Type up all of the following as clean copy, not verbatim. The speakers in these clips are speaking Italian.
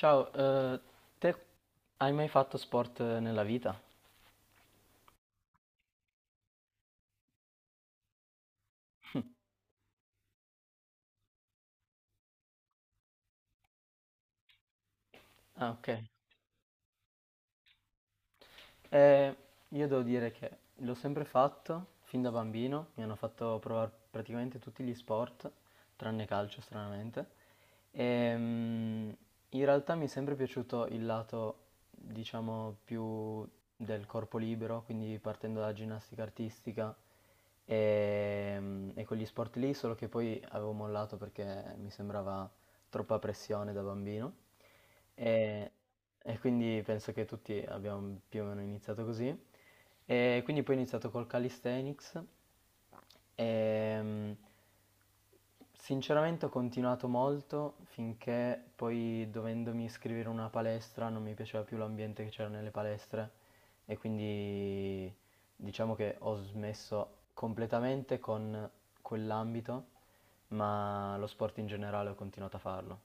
Ciao, te hai mai fatto sport nella vita? Ah, ok. Eh, io devo dire che l'ho sempre fatto, fin da bambino, mi hanno fatto provare praticamente tutti gli sport, tranne calcio stranamente, e in realtà mi è sempre piaciuto il lato, diciamo, più del corpo libero, quindi partendo dalla ginnastica artistica e quegli sport lì, solo che poi avevo mollato perché mi sembrava troppa pressione da bambino. E, e quindi penso che tutti abbiamo più o meno iniziato così. E quindi poi ho iniziato col calisthenics e sinceramente ho continuato molto finché poi dovendomi iscrivere a una palestra non mi piaceva più l'ambiente che c'era nelle palestre e quindi diciamo che ho smesso completamente con quell'ambito, ma lo sport in generale ho continuato a farlo.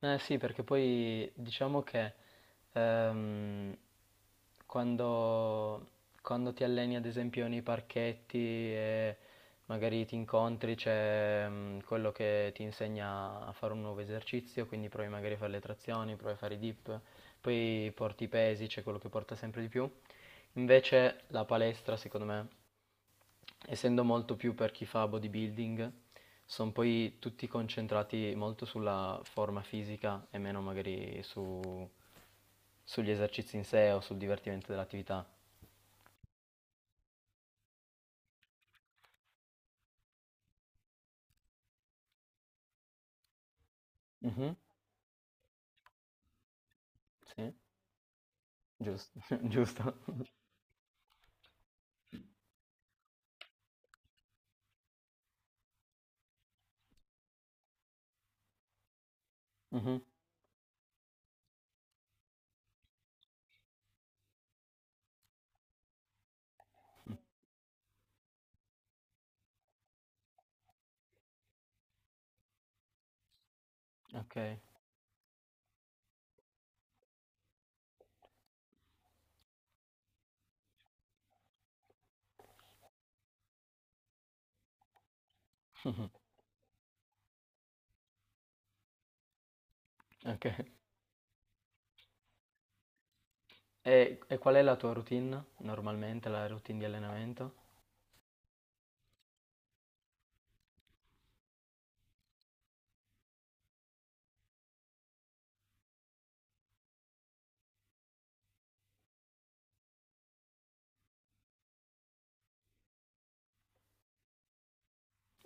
Eh sì, perché poi diciamo che ehm, quando, quando ti alleni ad esempio nei parchetti e magari ti incontri c'è quello che ti insegna a fare un nuovo esercizio, quindi provi magari a fare le trazioni, provi a fare i dip, poi porti i pesi, c'è quello che porta sempre di più. Invece la palestra, secondo me, essendo molto più per chi fa bodybuilding, sono poi tutti concentrati molto sulla forma fisica e meno magari sugli esercizi in sé o sul divertimento dell'attività. Mhm. Sì, giusto, giusto. Mhm. Ok, ok. E qual è la tua routine normalmente, la routine di allenamento?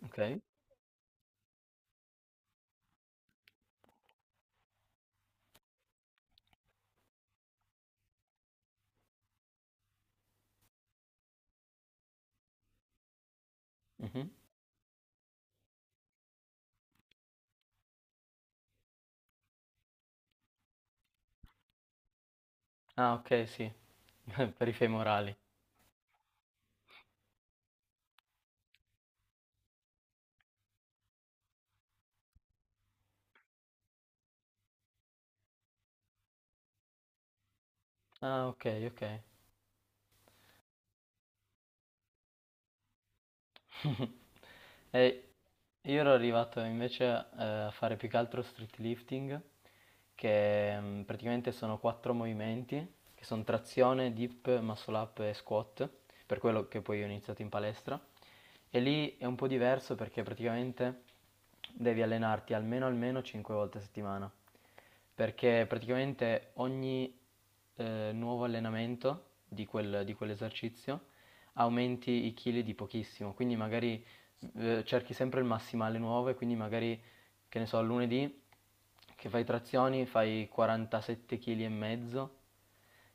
Ok. Mhm. Ah, ok, sì, per i femorali. Ah, ok, ok. E io ero arrivato invece a fare più che altro street lifting, che praticamente sono quattro movimenti, che sono trazione, dip, muscle up e squat, per quello che poi ho iniziato in palestra. E lì è un po' diverso perché praticamente devi allenarti almeno almeno 5 volte a settimana, perché praticamente ogni nuovo allenamento di quell'esercizio aumenti i chili di pochissimo, quindi magari cerchi sempre il massimale nuovo e quindi magari, che ne so, lunedì che fai trazioni fai 47 kg e mezzo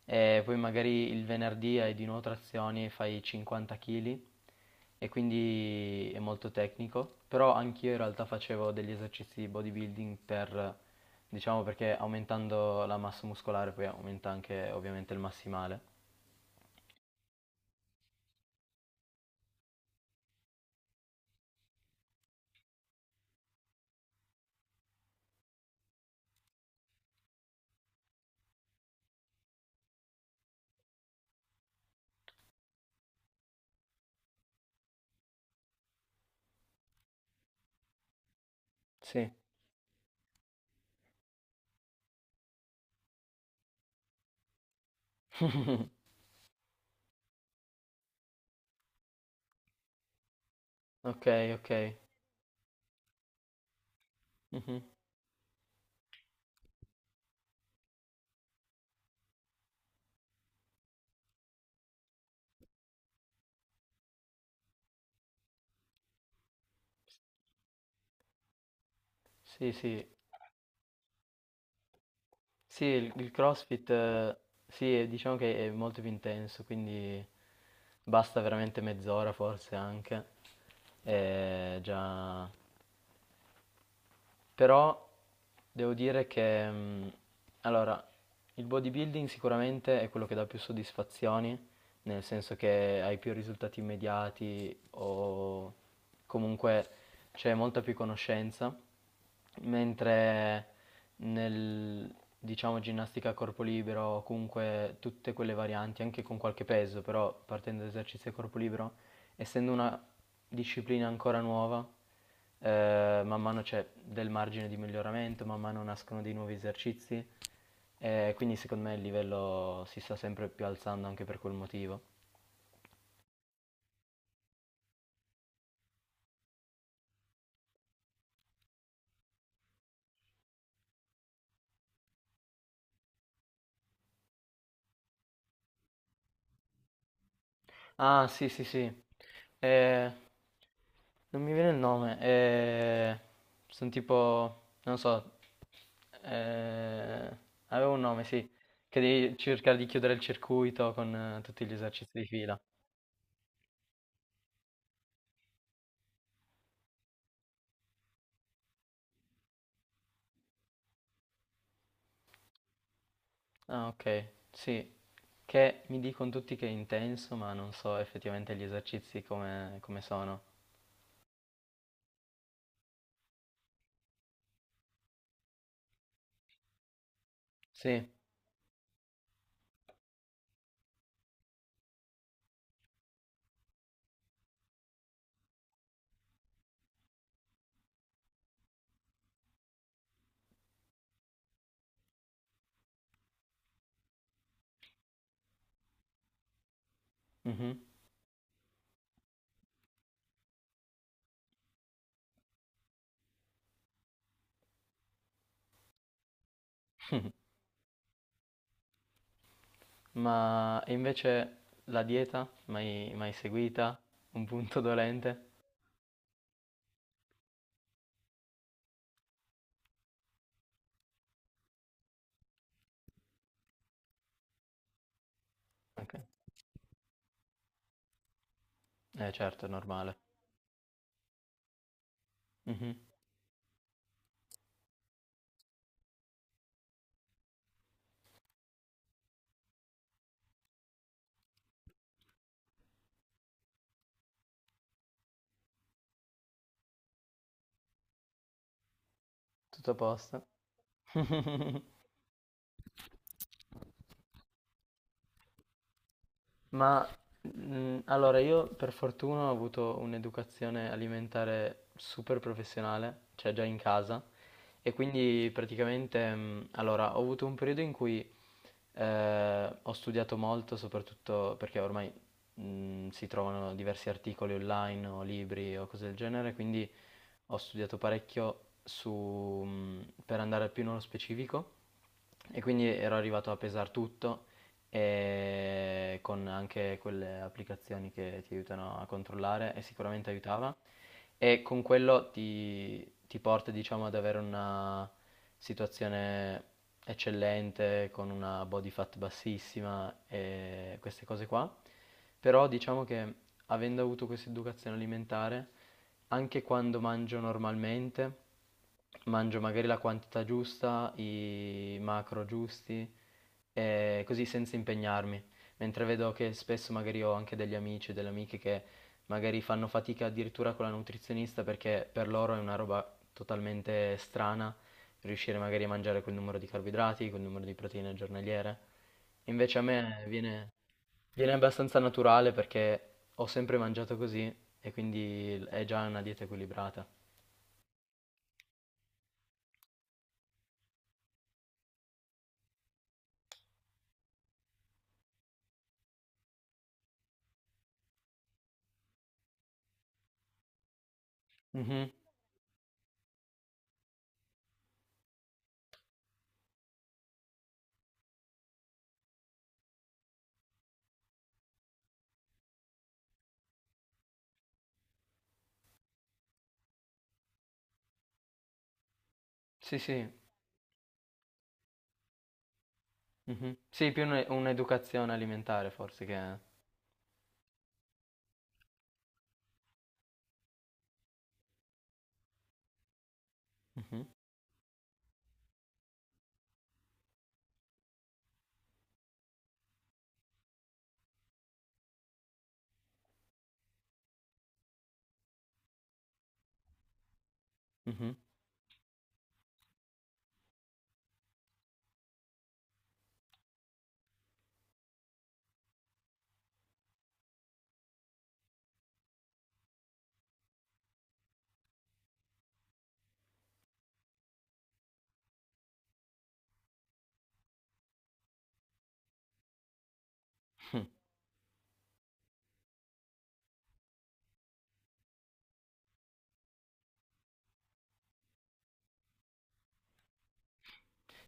e poi magari il venerdì hai di nuovo trazioni e fai 50 kg e quindi è molto tecnico, però anch'io in realtà facevo degli esercizi di bodybuilding per, diciamo perché aumentando la massa muscolare poi aumenta anche ovviamente il massimale. Sì. Ok, ok. Mhm. Sì, sì. Sì, il CrossFit, sì, diciamo che è molto più intenso, quindi basta veramente mezz'ora forse anche. E già. Però devo dire che, allora, il bodybuilding sicuramente è quello che dà più soddisfazioni, nel senso che hai più risultati immediati o comunque c'è molta più conoscenza, mentre nel, diciamo, ginnastica a corpo libero, o comunque tutte quelle varianti, anche con qualche peso, però partendo da esercizi a corpo libero, essendo una disciplina ancora nuova, man mano c'è del margine di miglioramento, man mano nascono dei nuovi esercizi, quindi secondo me il livello si sta sempre più alzando anche per quel motivo. Ah, sì, sì, sì. Eh, non mi viene il nome. Sono tipo, non so, eh, avevo un nome, sì, che devi cercare di chiudere il circuito con tutti gli esercizi di fila. Ah, ok, sì, che mi dicono tutti che è intenso, ma non so effettivamente gli esercizi come, come sono. Sì, mhm. Ma e invece la dieta, mai, mai seguita? Un punto dolente? Ok, eh certo, è normale. Mhm. Tutto a posto. Ma allora io per fortuna ho avuto un'educazione alimentare super professionale, cioè già in casa, e quindi praticamente allora ho avuto un periodo in cui ho studiato molto, soprattutto perché ormai si trovano diversi articoli online o libri o cose del genere, quindi ho studiato parecchio su, per andare più nello specifico e quindi ero arrivato a pesare tutto e con anche quelle applicazioni che ti aiutano a controllare e sicuramente aiutava e con quello ti porta, diciamo, ad avere una situazione eccellente, con una body fat bassissima e queste cose qua. Però diciamo che avendo avuto questa educazione alimentare, anche quando mangio normalmente, mangio magari la quantità giusta, i macro giusti, e così senza impegnarmi. Mentre vedo che spesso magari ho anche degli amici e delle amiche che magari fanno fatica addirittura con la nutrizionista perché per loro è una roba totalmente strana riuscire magari a mangiare quel numero di carboidrati, quel numero di proteine giornaliere. Invece a me viene abbastanza naturale perché ho sempre mangiato così e quindi è già una dieta equilibrata. Mhm. Sì, sì. Mhm. Sì, più un'educazione alimentare forse che... Mhm, mhm.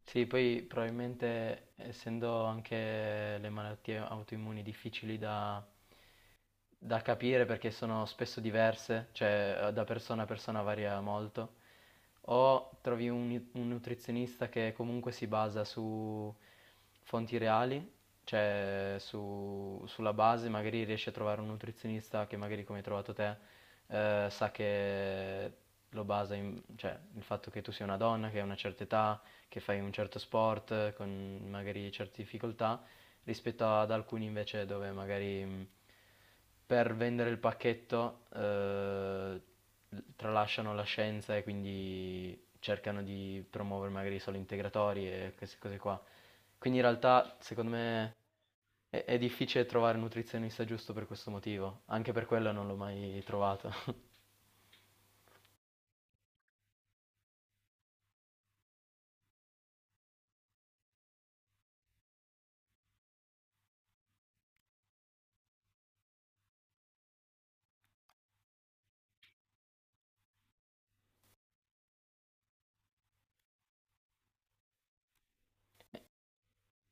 Sì, poi probabilmente essendo anche le malattie autoimmuni difficili da capire perché sono spesso diverse, cioè da persona a persona varia molto, o trovi un nutrizionista che comunque si basa su fonti reali, cioè sulla base, magari riesci a trovare un nutrizionista che magari come hai trovato te sa che lo basa in, cioè il fatto che tu sia una donna, che hai una certa età, che fai un certo sport con magari certe difficoltà rispetto ad alcuni invece dove magari per vendere il pacchetto tralasciano la scienza e quindi cercano di promuovere magari solo integratori e queste cose qua. Quindi in realtà secondo me è difficile trovare un nutrizionista giusto per questo motivo, anche per quello non l'ho mai trovato.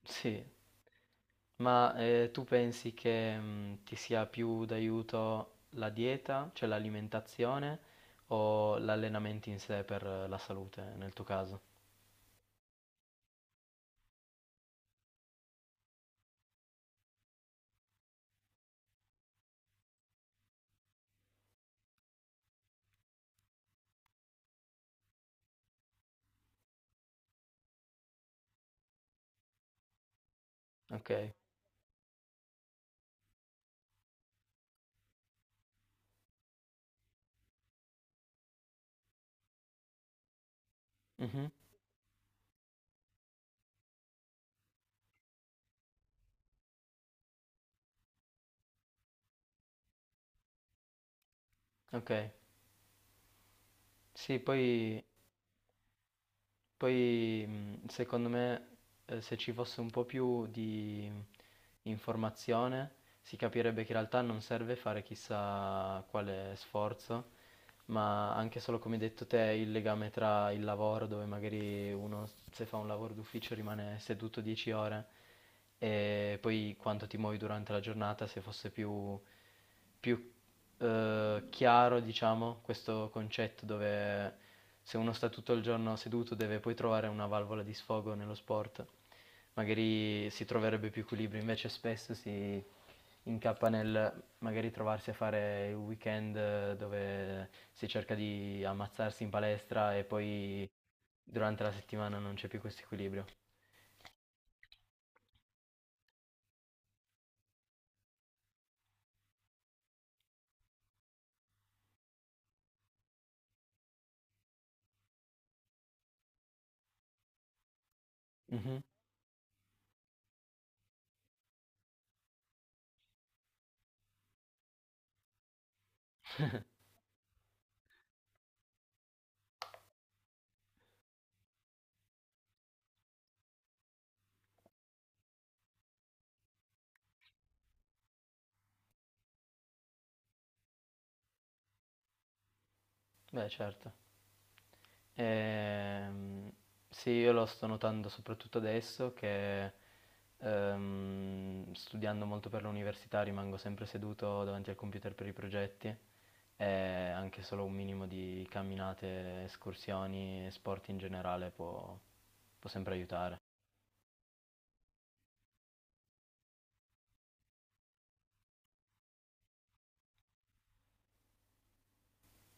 Sì. Ma tu pensi che ti sia più d'aiuto la dieta, cioè l'alimentazione, o l'allenamento in sé per la salute, nel tuo caso? Ok. Mhm. Ok. Sì, poi, secondo me se ci fosse un po' più di informazione, si capirebbe che in realtà non serve fare chissà quale sforzo, ma anche solo come hai detto te il legame tra il lavoro, dove magari uno se fa un lavoro d'ufficio rimane seduto 10 ore, e poi quanto ti muovi durante la giornata, se fosse più chiaro, diciamo, questo concetto dove se uno sta tutto il giorno seduto deve poi trovare una valvola di sfogo nello sport magari si troverebbe più equilibrio, invece spesso si incappa nel magari trovarsi a fare il weekend dove si cerca di ammazzarsi in palestra e poi durante la settimana non c'è più questo equilibrio. Mhm. Beh, certo. Ehm, sì, io lo sto notando soprattutto adesso che studiando molto per l'università rimango sempre seduto davanti al computer per i progetti e anche solo un minimo di camminate, escursioni e sport in generale può sempre aiutare.